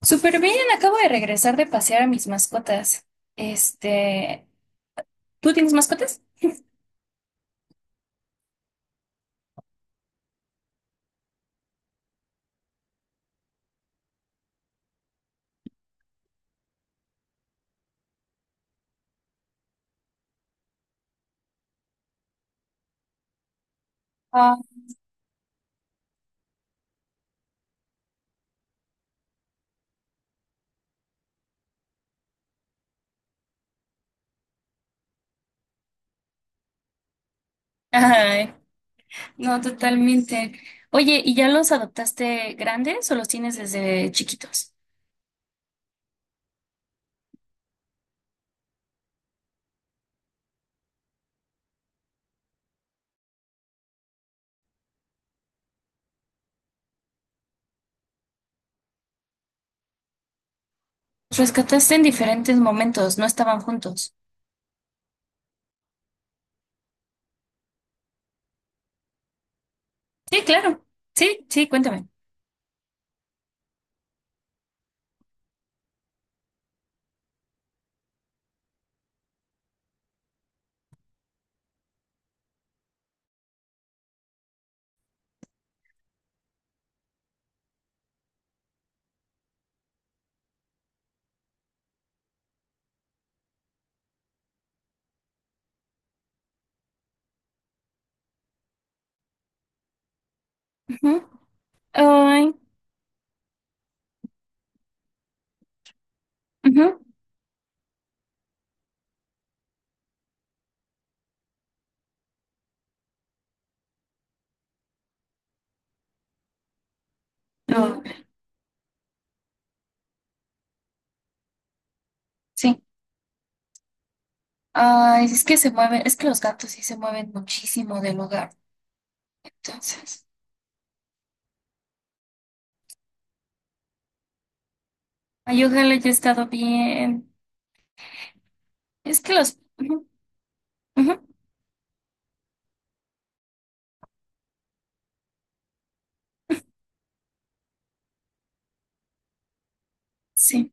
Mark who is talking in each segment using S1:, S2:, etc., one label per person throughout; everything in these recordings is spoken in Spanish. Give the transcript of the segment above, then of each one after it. S1: Súper bien, acabo de regresar de pasear a mis mascotas. Este, ¿tú tienes mascotas? Ah. Ay, no, totalmente. Oye, ¿y ya los adoptaste grandes o los tienes desde chiquitos? Los rescataste en diferentes momentos, no estaban juntos. Sí, claro. Sí, sí, cuéntame. Ujú. Ay, ujú. Lo- sí. Ay, es que se mueven, es que los gatos sí se mueven muchísimo del hogar. Entonces, ay, ojalá haya estado bien. Es que los, ujú, ujú, sí.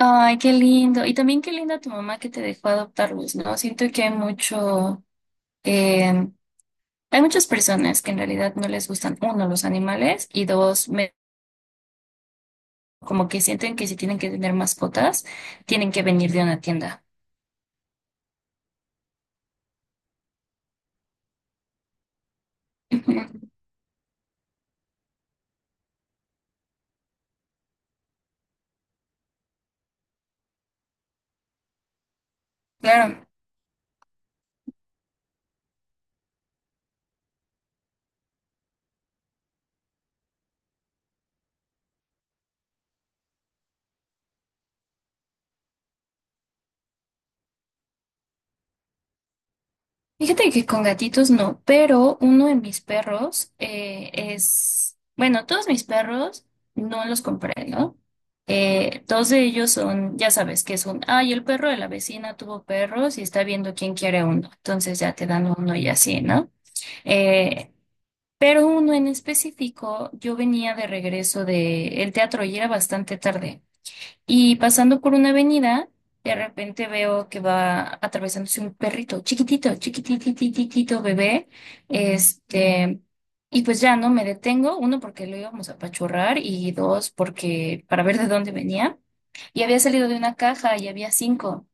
S1: Ay, qué lindo. Y también qué linda tu mamá que te dejó adoptarlos, ¿no? Siento que hay mucho, em, hay muchas personas que en realidad no les gustan, uno, los animales y dos, como que sienten que si tienen que tener mascotas, tienen que venir de una tienda. Ujú. Claro. Fíjate que con gatitos no, pero uno de mis perros es, bueno, todos mis perros no los compré, ¿no? Dos de ellos son, ya sabes, que son, ay, el perro de la vecina tuvo perros y está viendo quién quiere uno, entonces ya te dan uno y así, ¿no? Eh, pero uno en específico, yo venía de regreso del teatro y era bastante tarde. Y pasando por una avenida, de repente veo que va atravesándose un perrito chiquitito, chiquititititito bebé. Este, y pues ya no me detengo, uno porque lo íbamos a apachurrar y dos porque para ver de dónde venía. Y había salido de una caja y había cinco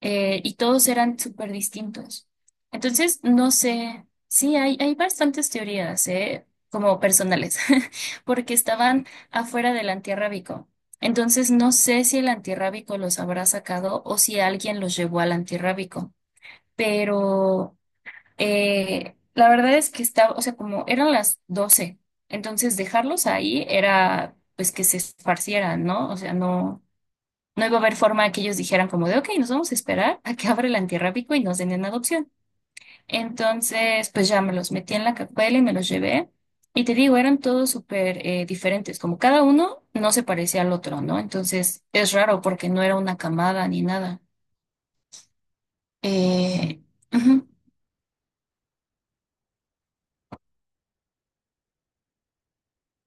S1: y todos eran súper distintos. Entonces, no sé, sí, hay bastantes teorías, ¿eh? Como personales, porque estaban afuera del antirrábico. Entonces, no sé si el antirrábico los habrá sacado o si alguien los llevó al antirrábico, pero la verdad es que estaba, o sea, como eran las 12:00, entonces dejarlos ahí era pues que se esparcieran, ¿no? O sea, no. No iba a haber forma que ellos dijeran como de, ok, nos vamos a esperar a que abra el antirrábico y nos den en adopción. Entonces, pues ya me los metí en la cacuela y me los llevé. Y te digo, eran todos súper diferentes, como cada uno no se parecía al otro, ¿no? Entonces, es raro porque no era una camada ni nada. Eh, Ujú.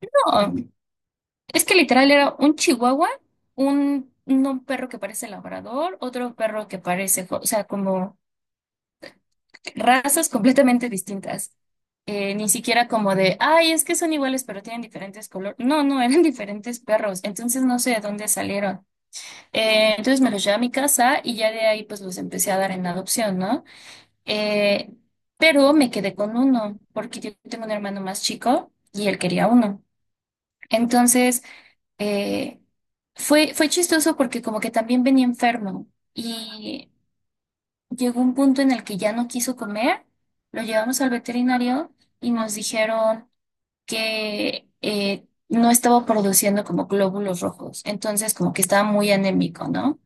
S1: No, es que literal era un chihuahua, un, no un perro que parece labrador, otro perro que parece, o sea, como razas completamente distintas. Ni siquiera como de, ay, es que son iguales pero tienen diferentes colores. No, no, eran diferentes perros, entonces no sé de dónde salieron. Entonces me los llevé a mi casa y ya de ahí pues los empecé a dar en adopción, ¿no? Eh, pero me quedé con uno porque yo tengo un hermano más chico y él quería uno. Entonces, eh, fue chistoso porque como que también venía enfermo y llegó un punto en el que ya no quiso comer, lo llevamos al veterinario y nos dijeron que no estaba produciendo como glóbulos rojos, entonces como que estaba muy anémico, ¿no?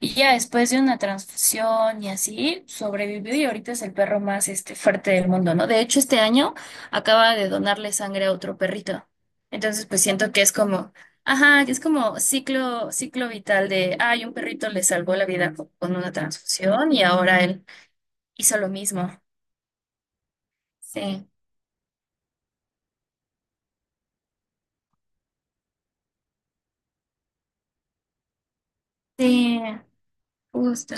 S1: Y ya después de una transfusión y así, sobrevivió y ahorita es el perro más este, fuerte del mundo, ¿no? De hecho, este año acaba de donarle sangre a otro perrito. Entonces, pues siento que es como, ajá, que es como ciclo, ciclo vital de, ay, un perrito le salvó la vida con una transfusión y ahora él hizo lo mismo. Sí, sí, justo.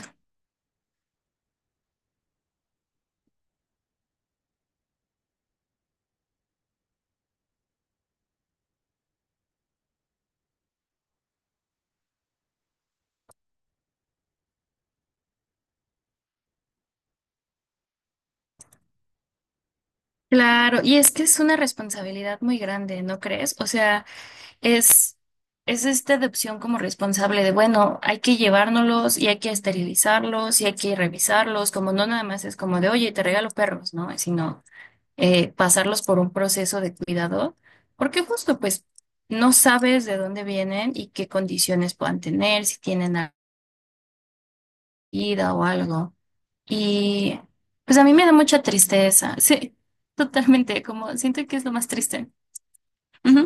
S1: Claro, y es que es una responsabilidad muy grande, ¿no crees? O sea, es, es esta adopción como responsable de, bueno, hay que llevárnoslos y hay que esterilizarlos y hay que revisarlos, como no nada más es como de, oye, te regalo perros, ¿no? Sino pasarlos por un proceso de cuidado, porque justo pues no sabes de dónde vienen y qué condiciones puedan tener, si tienen alguna vida o algo. Y pues a mí me da mucha tristeza, sí, totalmente, como siento que es lo más triste. Ujú.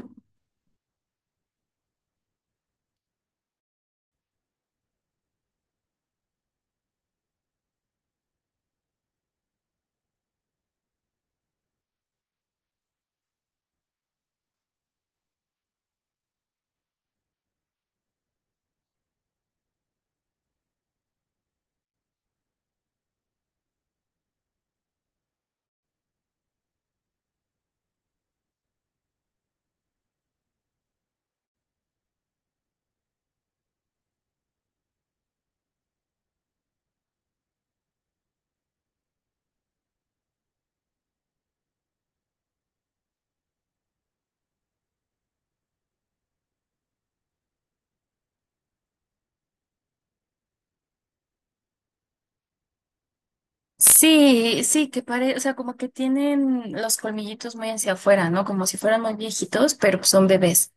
S1: Sí, sí, que parece, o sea, como que tienen los colmillitos muy hacia afuera, ¿no? Como si fueran muy viejitos, pero pues son bebés.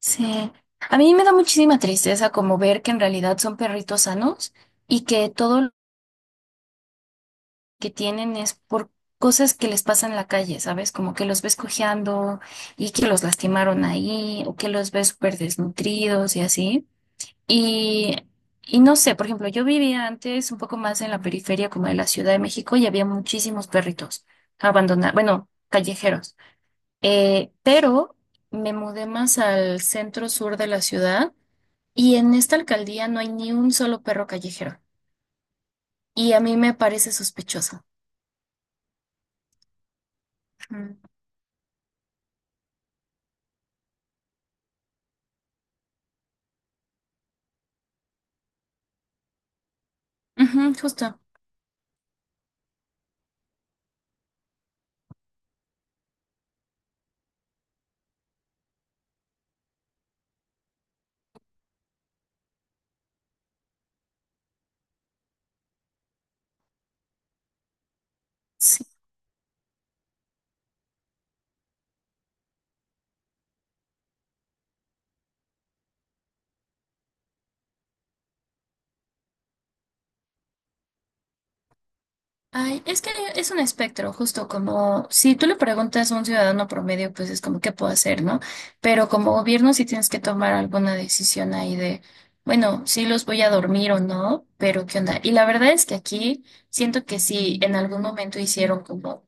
S1: Sí. A mí me da muchísima tristeza como ver que en realidad son perritos sanos y que todo lo que tienen es por cosas que les pasan en la calle, ¿sabes? Como que los ves cojeando y que los lastimaron ahí o que los ves súper desnutridos y así. Y, y no sé, por ejemplo, yo vivía antes un poco más en la periferia como de la Ciudad de México y había muchísimos perritos abandonados, bueno, callejeros. Pero me mudé más al centro sur de la ciudad y en esta alcaldía no hay ni un solo perro callejero. Y a mí me parece sospechoso. Mm. Ujú, justo. Sí. Ay, es que es un espectro, justo como si tú le preguntas a un ciudadano promedio, pues es como qué puedo hacer, ¿no? Pero como gobierno sí tienes que tomar alguna decisión ahí de, bueno, sí los voy a dormir o no, pero ¿qué onda? Y la verdad es que aquí siento que sí, en algún momento hicieron como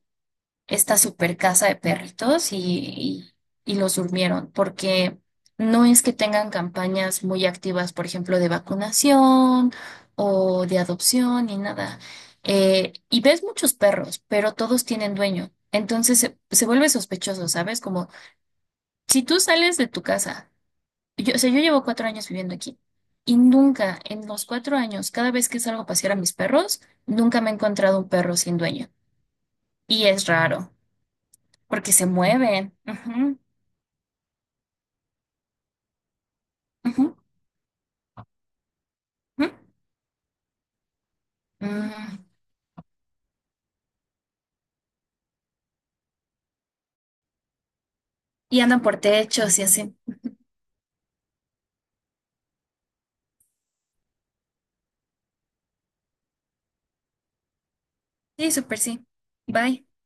S1: esta super casa de perritos y los durmieron, porque no es que tengan campañas muy activas, por ejemplo, de vacunación o de adopción ni nada. Y ves muchos perros, pero todos tienen dueño. Entonces se vuelve sospechoso, ¿sabes? Como si tú sales de tu casa, yo, o sea, yo llevo 4 años viviendo aquí y nunca en los 4 años, cada vez que salgo a pasear a mis perros, nunca me he encontrado un perro sin dueño. Y es raro porque se mueven. Ujú, ujú, ujú. Mm. Y andan por techos y así. Sí, súper sí. Bye.